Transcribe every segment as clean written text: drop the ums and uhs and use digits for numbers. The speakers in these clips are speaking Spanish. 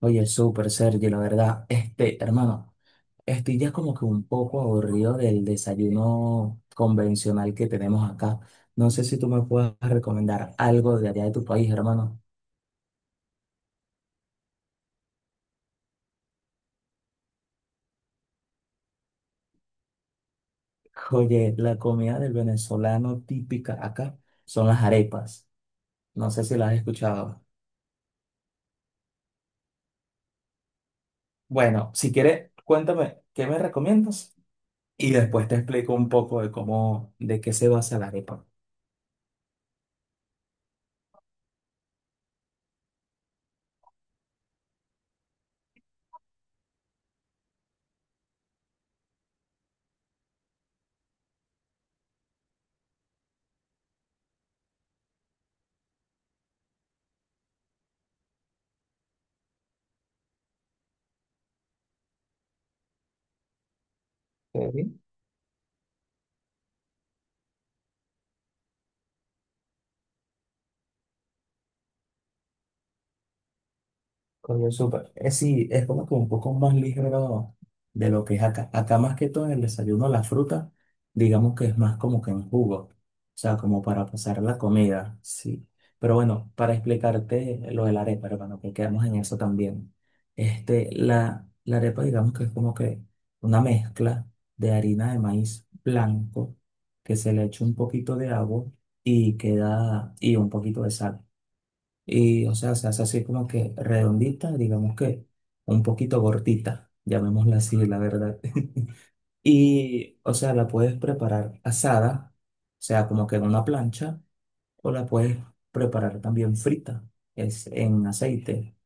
Oye, súper, Sergio, la verdad. Hermano, estoy ya como que un poco aburrido del desayuno convencional que tenemos acá. No sé si tú me puedes recomendar algo de allá de tu país, hermano. Oye, la comida del venezolano típica acá son las arepas. No sé si las has escuchado. Bueno, si quieres, cuéntame qué me recomiendas y después te explico un poco de cómo, de qué se basa la arepa. Ok. Coño, súper. Es, sí, es como que un poco más ligero de lo que es acá. Acá más que todo en el desayuno, la fruta, digamos que es más como que en jugo. O sea, como para pasar la comida, sí. Pero bueno, para explicarte lo de la arepa, hermano, que quedamos en eso también. La arepa, digamos que es como que una mezcla de harina de maíz blanco que se le echa un poquito de agua y queda, y un poquito de sal. Y, o sea, se hace así como que redondita, digamos que un poquito gordita, llamémosla así, la verdad. Y, o sea, la puedes preparar asada, o sea, como que en una plancha, o la puedes preparar también frita, es en aceite.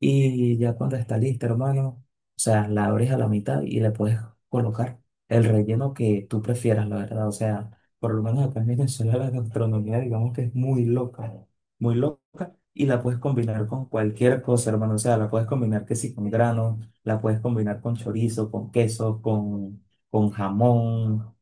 Y ya cuando está lista, hermano, o sea, la abres a la mitad y le puedes colocar el relleno que tú prefieras, la verdad. O sea, por lo menos acá en Venezuela la gastronomía, digamos que es muy loca, y la puedes combinar con cualquier cosa, hermano. O sea, la puedes combinar que sí con grano, la puedes combinar con chorizo, con queso, con jamón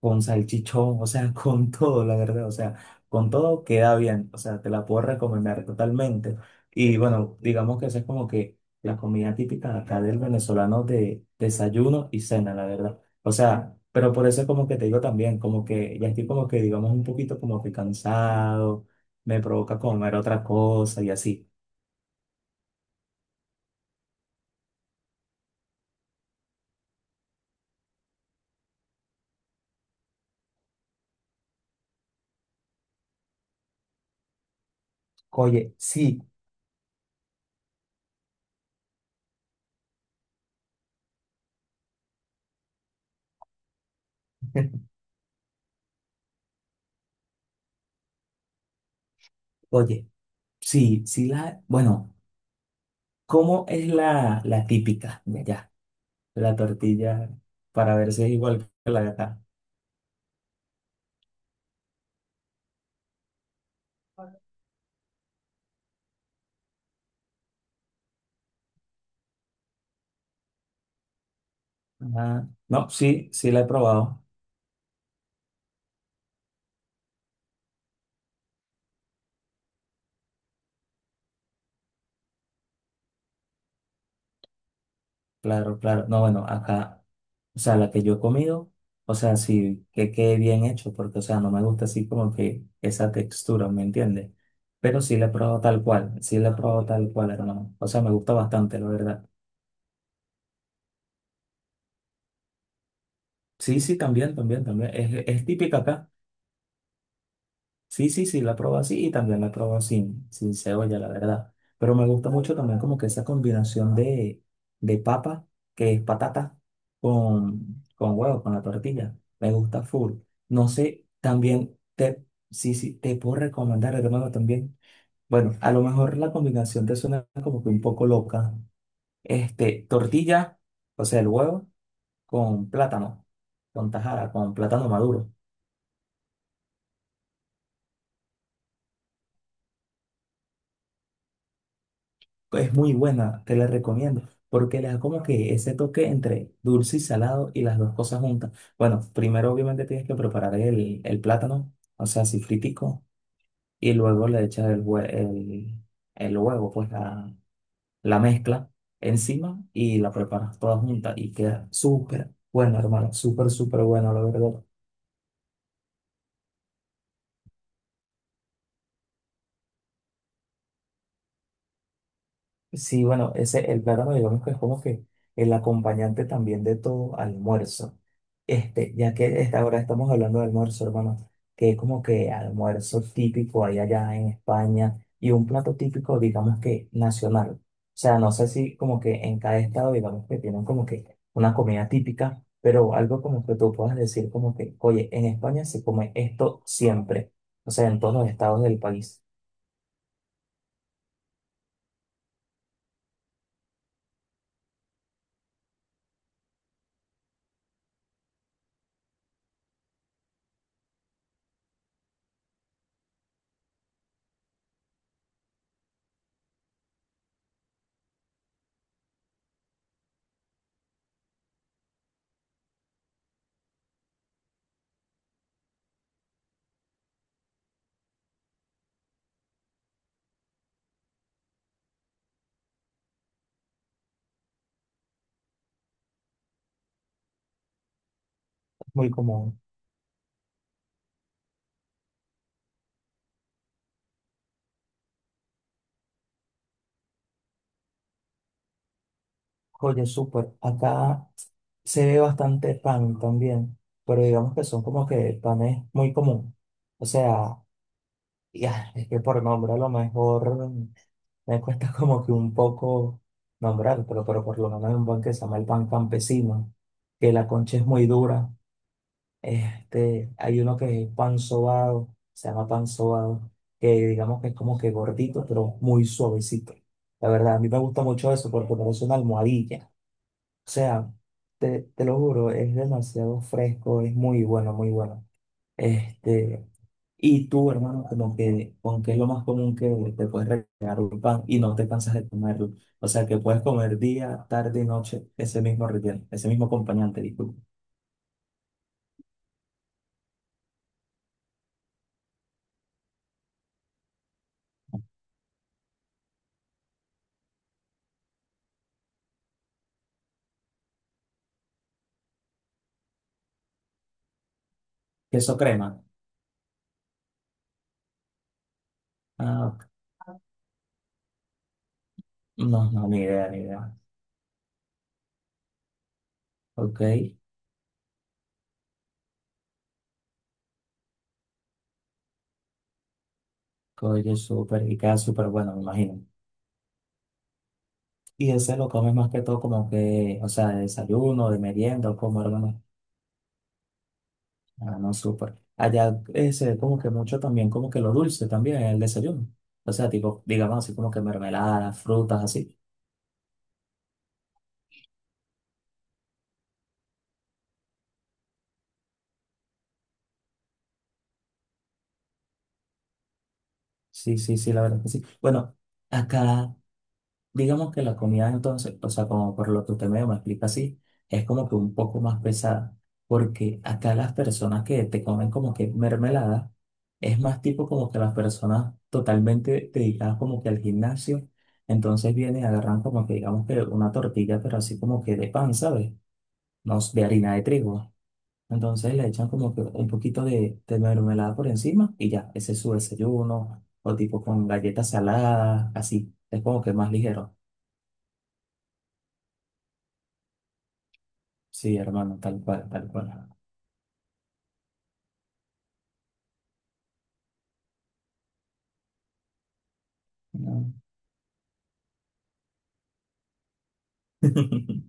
con salchichón, o sea, con todo, la verdad, o sea, con todo queda bien, o sea, te la puedo recomendar totalmente. Y bueno, digamos que esa es como que la comida típica de acá del venezolano de desayuno y cena, la verdad. O sea, pero por eso es como que te digo también, como que ya estoy como que, digamos, un poquito como que cansado, me provoca comer otra cosa y así. Oye, sí. Oye, sí, sí la, bueno, ¿cómo es la, la típica? La tortilla para ver si es igual que la de acá. Ajá. No, sí, sí la he probado. Claro, claro. No, bueno, acá, o sea, la que yo he comido, o sea, sí que quede bien hecho, porque, o sea, no me gusta así como que esa textura, ¿me entiendes? Pero sí la he probado tal cual, sí la he probado tal cual, hermano. O sea, me gusta bastante, la verdad. Sí, sí, también, también, también. Es típica acá. Sí, sí, sí, la probé así y también la probé sin cebolla, la verdad. Pero me gusta mucho también como que esa combinación de papa, que es patata, con huevo, con la tortilla. Me gusta full. No sé, también te, sí, sí, te puedo recomendar, hermano, también. Bueno, a lo mejor la combinación te suena como que un poco loca. Tortilla, o sea, el huevo con plátano, con tajada, con plátano maduro. Es muy buena, te la recomiendo, porque le da como que ese toque entre dulce y salado y las dos cosas juntas. Bueno, primero obviamente tienes que preparar el plátano, o sea, así fritico, y luego le echas el huevo, pues la mezcla encima y la preparas toda junta y queda súper bueno, hermano, súper, súper bueno, la verdad. Sí, bueno, ese, el plátano digamos que es como que el acompañante también de todo almuerzo. Este, ya que esta- Ahora estamos hablando de almuerzo, hermano, que es como que almuerzo típico ahí allá en España y un plato típico, digamos que nacional. O sea, no sé si como que en cada estado, digamos que tienen como que una comida típica, pero algo como que tú puedas decir como que, oye, en España se come esto siempre. O sea, en todos los estados del país. Es muy común. Oye, súper. Acá se ve bastante pan también, pero digamos que son como que el pan es muy común. O sea, ya, es que por nombre a lo mejor me cuesta como que un poco nombrar, pero por lo menos hay un pan que se llama el pan campesino, que la concha es muy dura. Hay uno que es pan sobado, se llama pan sobado, que digamos que es como que gordito, pero muy suavecito. La verdad, a mí me gusta mucho eso porque parece una almohadilla. O sea, te lo juro, es demasiado fresco, es muy bueno, muy bueno. Este, y tú, hermano, como que, aunque es lo más común que te puedes regalar un pan y no te cansas de comerlo. O sea, que puedes comer día, tarde y noche ese mismo relleno, ese mismo acompañante, disculpa. ¿Queso crema? Ah, ok. No, no, ni idea, ni idea. Ok, oye, súper, y queda súper bueno, me imagino. Y ese lo comes más que todo como que, o sea, de desayuno, de merienda, o como, hermano. Ah, no, súper. Allá se ve como que mucho también, como que lo dulce también en el desayuno. O sea, tipo, digamos así como que mermeladas, frutas, así. Sí, sí, sí, la verdad que sí. Bueno, acá, digamos que la comida entonces, o sea, como por lo que usted medio me explica así, es como que un poco más pesada. Porque acá las personas que te comen como que mermelada, es más tipo como que las personas totalmente dedicadas como que al gimnasio. Entonces vienen y agarran como que digamos que una tortilla, pero así como que de pan, ¿sabes? No, s- De harina de trigo. Entonces le echan como que un poquito de mermelada por encima y ya, ese es su desayuno, o tipo con galletas saladas, así. Es como que más ligero. Sí, hermano, tal cual, tal cual. No,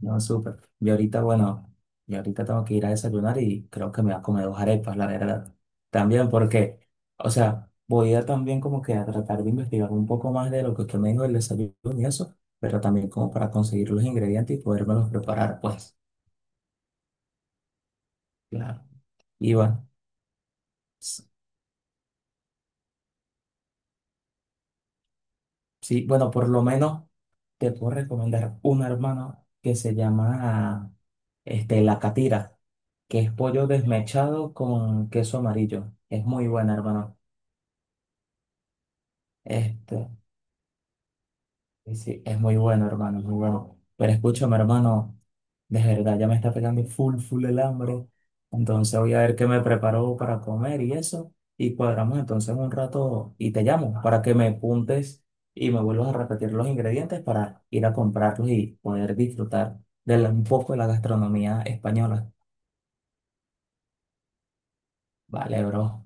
no, súper. Y ahorita, bueno, y ahorita tengo que ir a desayunar y creo que me voy a comer 2 arepas, la verdad. También porque, o sea, voy a también como que a tratar de investigar un poco más de lo que usted me dijo del desayuno y eso pero también como para conseguir los ingredientes y podérmelos preparar, pues. Claro, Iván. S- Sí, bueno, por lo menos te puedo recomendar una hermana que se llama La Catira, que es pollo desmechado con queso amarillo. Es muy buena, hermano. Este, sí, sí, es muy bueno, hermano, muy bueno. Pero escúchame, hermano. De verdad, ya me está pegando full, full el hambre. Entonces voy a ver qué me preparo para comer y eso. Y cuadramos entonces en un rato y te llamo para que me apuntes y me vuelvas a repetir los ingredientes para ir a comprarlos y poder disfrutar de la- un poco de la gastronomía española. Vale, bro.